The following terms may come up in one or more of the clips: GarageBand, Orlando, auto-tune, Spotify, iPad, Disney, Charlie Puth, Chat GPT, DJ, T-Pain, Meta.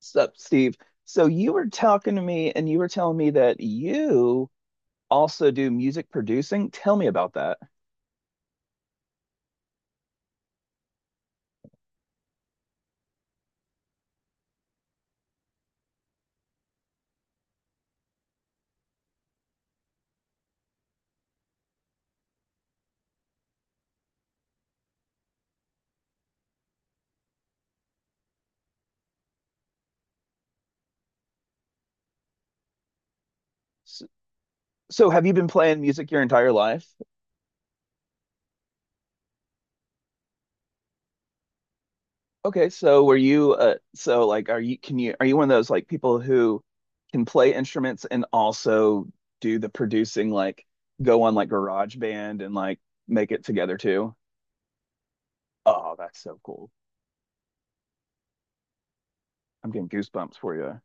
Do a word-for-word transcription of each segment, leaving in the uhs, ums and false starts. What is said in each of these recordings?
Sup, Steve? So you were talking to me and you were telling me that you also do music producing. Tell me about that. S- So, have you been playing music your entire life? Okay, so were you uh so like are you can you are you one of those like people who can play instruments and also do the producing, like go on like GarageBand and like make it together too? Oh, that's so cool. I'm getting goosebumps for you.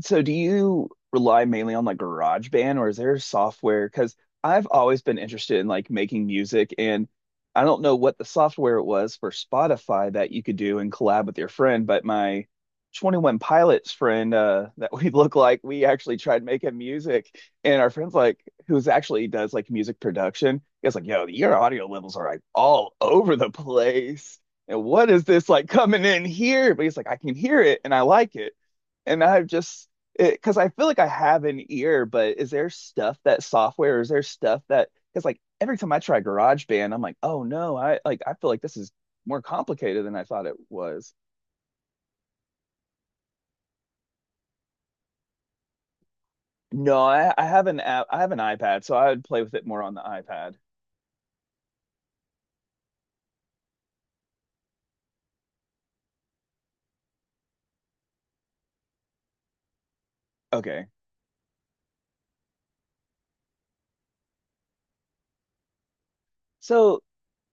So do you rely mainly on like GarageBand, or is there software? Because I've always been interested in like making music, and I don't know what the software it was for Spotify that you could do and collab with your friend, but my twenty-one Pilots friend uh, that we look like, we actually tried making music and our friend's like, who's actually does like music production, he was like, yo, your audio levels are like all over the place. And what is this like coming in here? But he's like, I can hear it and I like and I've just because I feel like I have an ear, but is there stuff that software, is there stuff that, because like every time I try GarageBand, I'm like, oh no, I, like I feel like this is more complicated than I thought it was. No, I, I have an app, I have an iPad, so I would play with it more on the iPad. Okay. So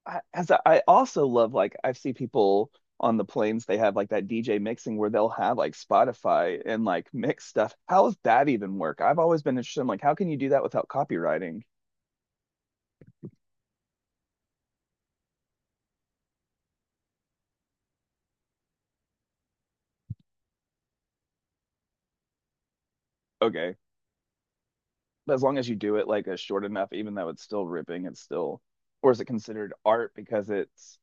I, as I, I also love like I see people on the planes they have like that D J mixing where they'll have like Spotify and like mix stuff. How does that even work? I've always been interested in like how can you do that without copywriting? Okay. But as long as you do it like a short enough, even though it's still ripping, it's still, or is it considered art because it's,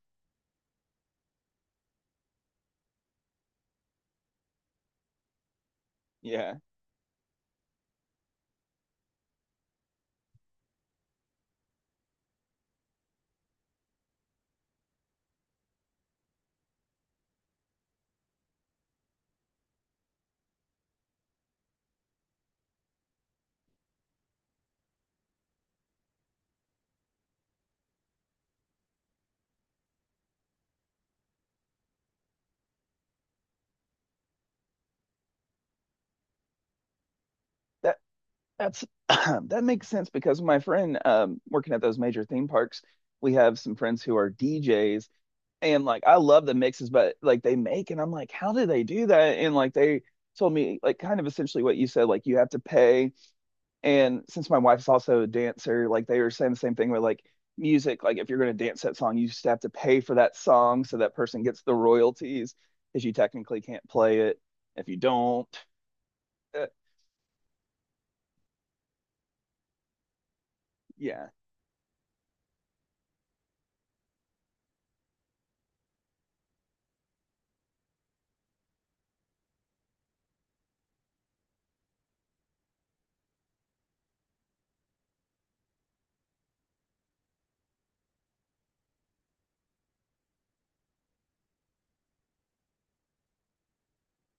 yeah. That that's that makes sense because my friend um working at those major theme parks, we have some friends who are D Js, and like I love the mixes but like they make, and I'm like, how do they do that? And like they told me like kind of essentially what you said, like you have to pay. And since my wife's also a dancer, like they were saying the same thing with like music, like if you're going to dance that song, you just have to pay for that song so that person gets the royalties because you technically can't play it if you don't. Uh, yeah,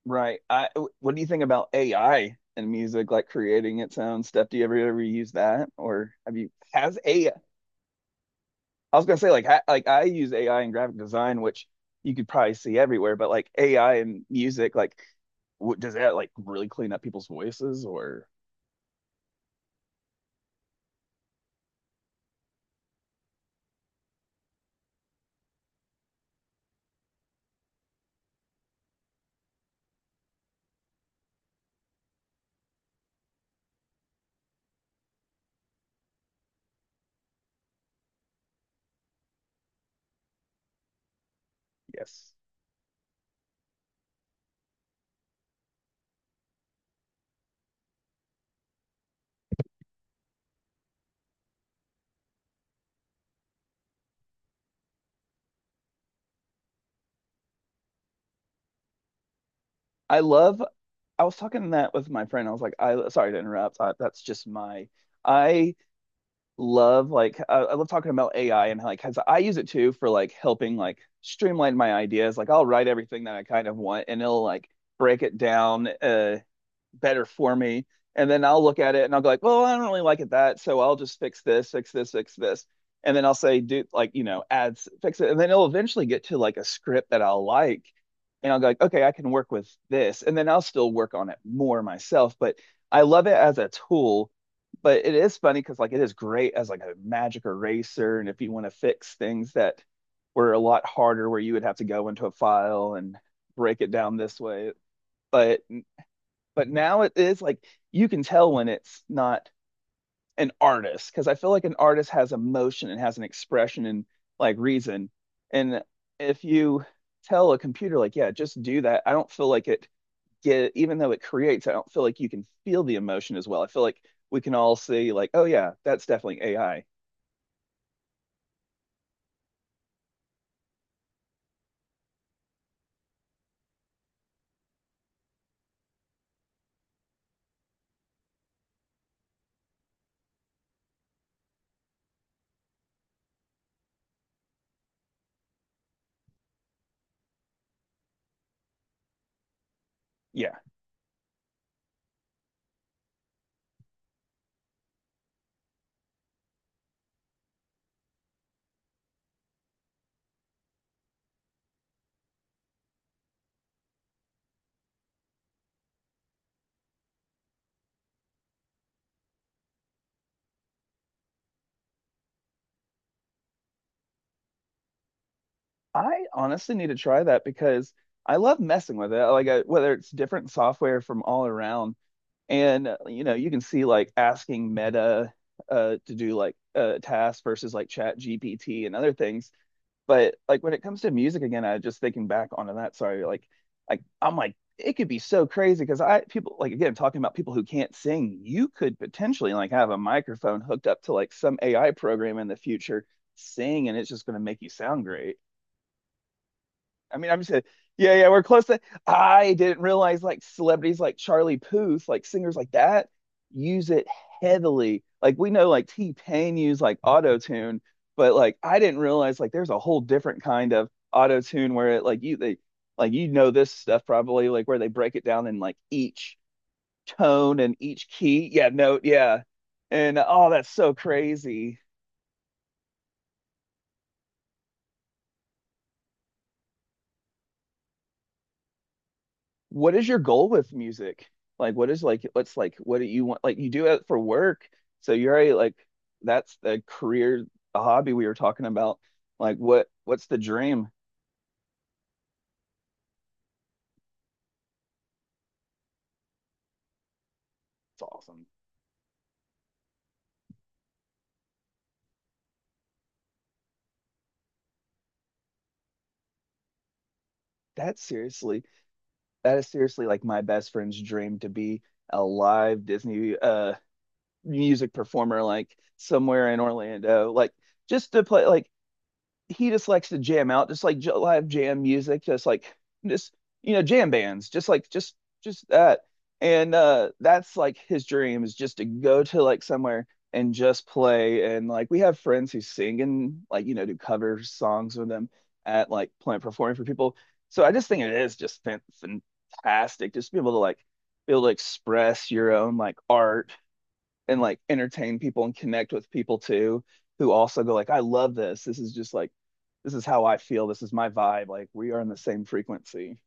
right. I, what do you think about A I and music, like creating its own stuff? Do you ever ever use that, or have you, has A I? I I was gonna say like ha, like I use A I in graphic design, which you could probably see everywhere, but like A I and music, like what, does that like really clean up people's voices, or, yes. I love, I was talking that with my friend. I was like, I, sorry to interrupt, I, that's just my, I love like, I, I love talking about A I and how, like, 'cause I use it too for like helping like streamline my ideas. Like, I'll write everything that I kind of want and it'll like break it down, uh, better for me. And then I'll look at it and I'll go like, well, I don't really like it that, so I'll just fix this, fix this, fix this. And then I'll say, do like, you know, ads, fix it. And then it'll eventually get to like a script that I'll like. And I'll go like, okay, I can work with this. And then I'll still work on it more myself. But I love it as a tool. But it is funny because like it is great as like a magic eraser. And if you want to fix things that were a lot harder where you would have to go into a file and break it down this way. But but now it is like you can tell when it's not an artist, because I feel like an artist has emotion and has an expression and like reason. And if you tell a computer like, yeah, just do that, I don't feel like it get, even though it creates, I don't feel like you can feel the emotion as well. I feel like we can all see like, oh yeah, that's definitely A I. Yeah. I honestly need to try that because I love messing with it. Like I, whether it's different software from all around. And uh, you know, you can see like asking Meta uh to do like a task versus like Chat G P T and other things. But like when it comes to music again, I just thinking back onto that, sorry, like like I'm like it could be so crazy because I people like again talking about people who can't sing, you could potentially like have a microphone hooked up to like some A I program in the future sing, and it's just going to make you sound great. I mean, I'm just saying, yeah, yeah, we're close to. I didn't realize like celebrities like Charlie Puth, like singers like that, use it heavily. Like we know like T-Pain used like auto-tune, but like I didn't realize like there's a whole different kind of auto-tune where it like you they like you know this stuff probably like where they break it down in like each tone and each key. Yeah, note, yeah. And oh, that's so crazy. What is your goal with music? Like, what is like, what's like, what do you want? Like, you do it for work, so you're already like, that's the career, the hobby we were talking about. Like, what, what's the dream? It's awesome. That's seriously, that is seriously like my best friend's dream to be a live Disney uh music performer, like somewhere in Orlando, like just to play, like he just likes to jam out, just like live jam music, just like just you know jam bands, just like just just that. And uh that's like his dream is just to go to like somewhere and just play. And like we have friends who sing and like you know do cover songs with them at like plant performing for people. So I just think it is just fan fantastic, just be able to like be able to express your own like art and like entertain people and connect with people too who also go like, I love this. This is just like this is how I feel. This is my vibe. Like we are in the same frequency.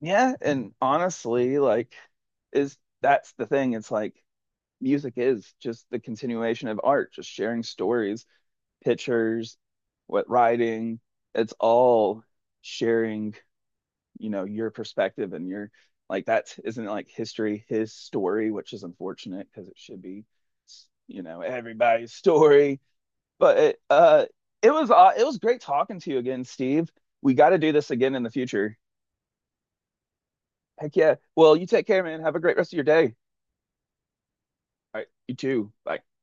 Yeah, and honestly like is that's the thing. It's like music is just the continuation of art, just sharing stories, pictures, what writing. It's all sharing, you know, your perspective and your like that isn't like history, his story, which is unfortunate because it should be you know everybody's story, but it, uh it was uh, it was great talking to you again, Steve. We got to do this again in the future. Heck yeah, well you take care, man, have a great rest of your day. All right, you too, bye.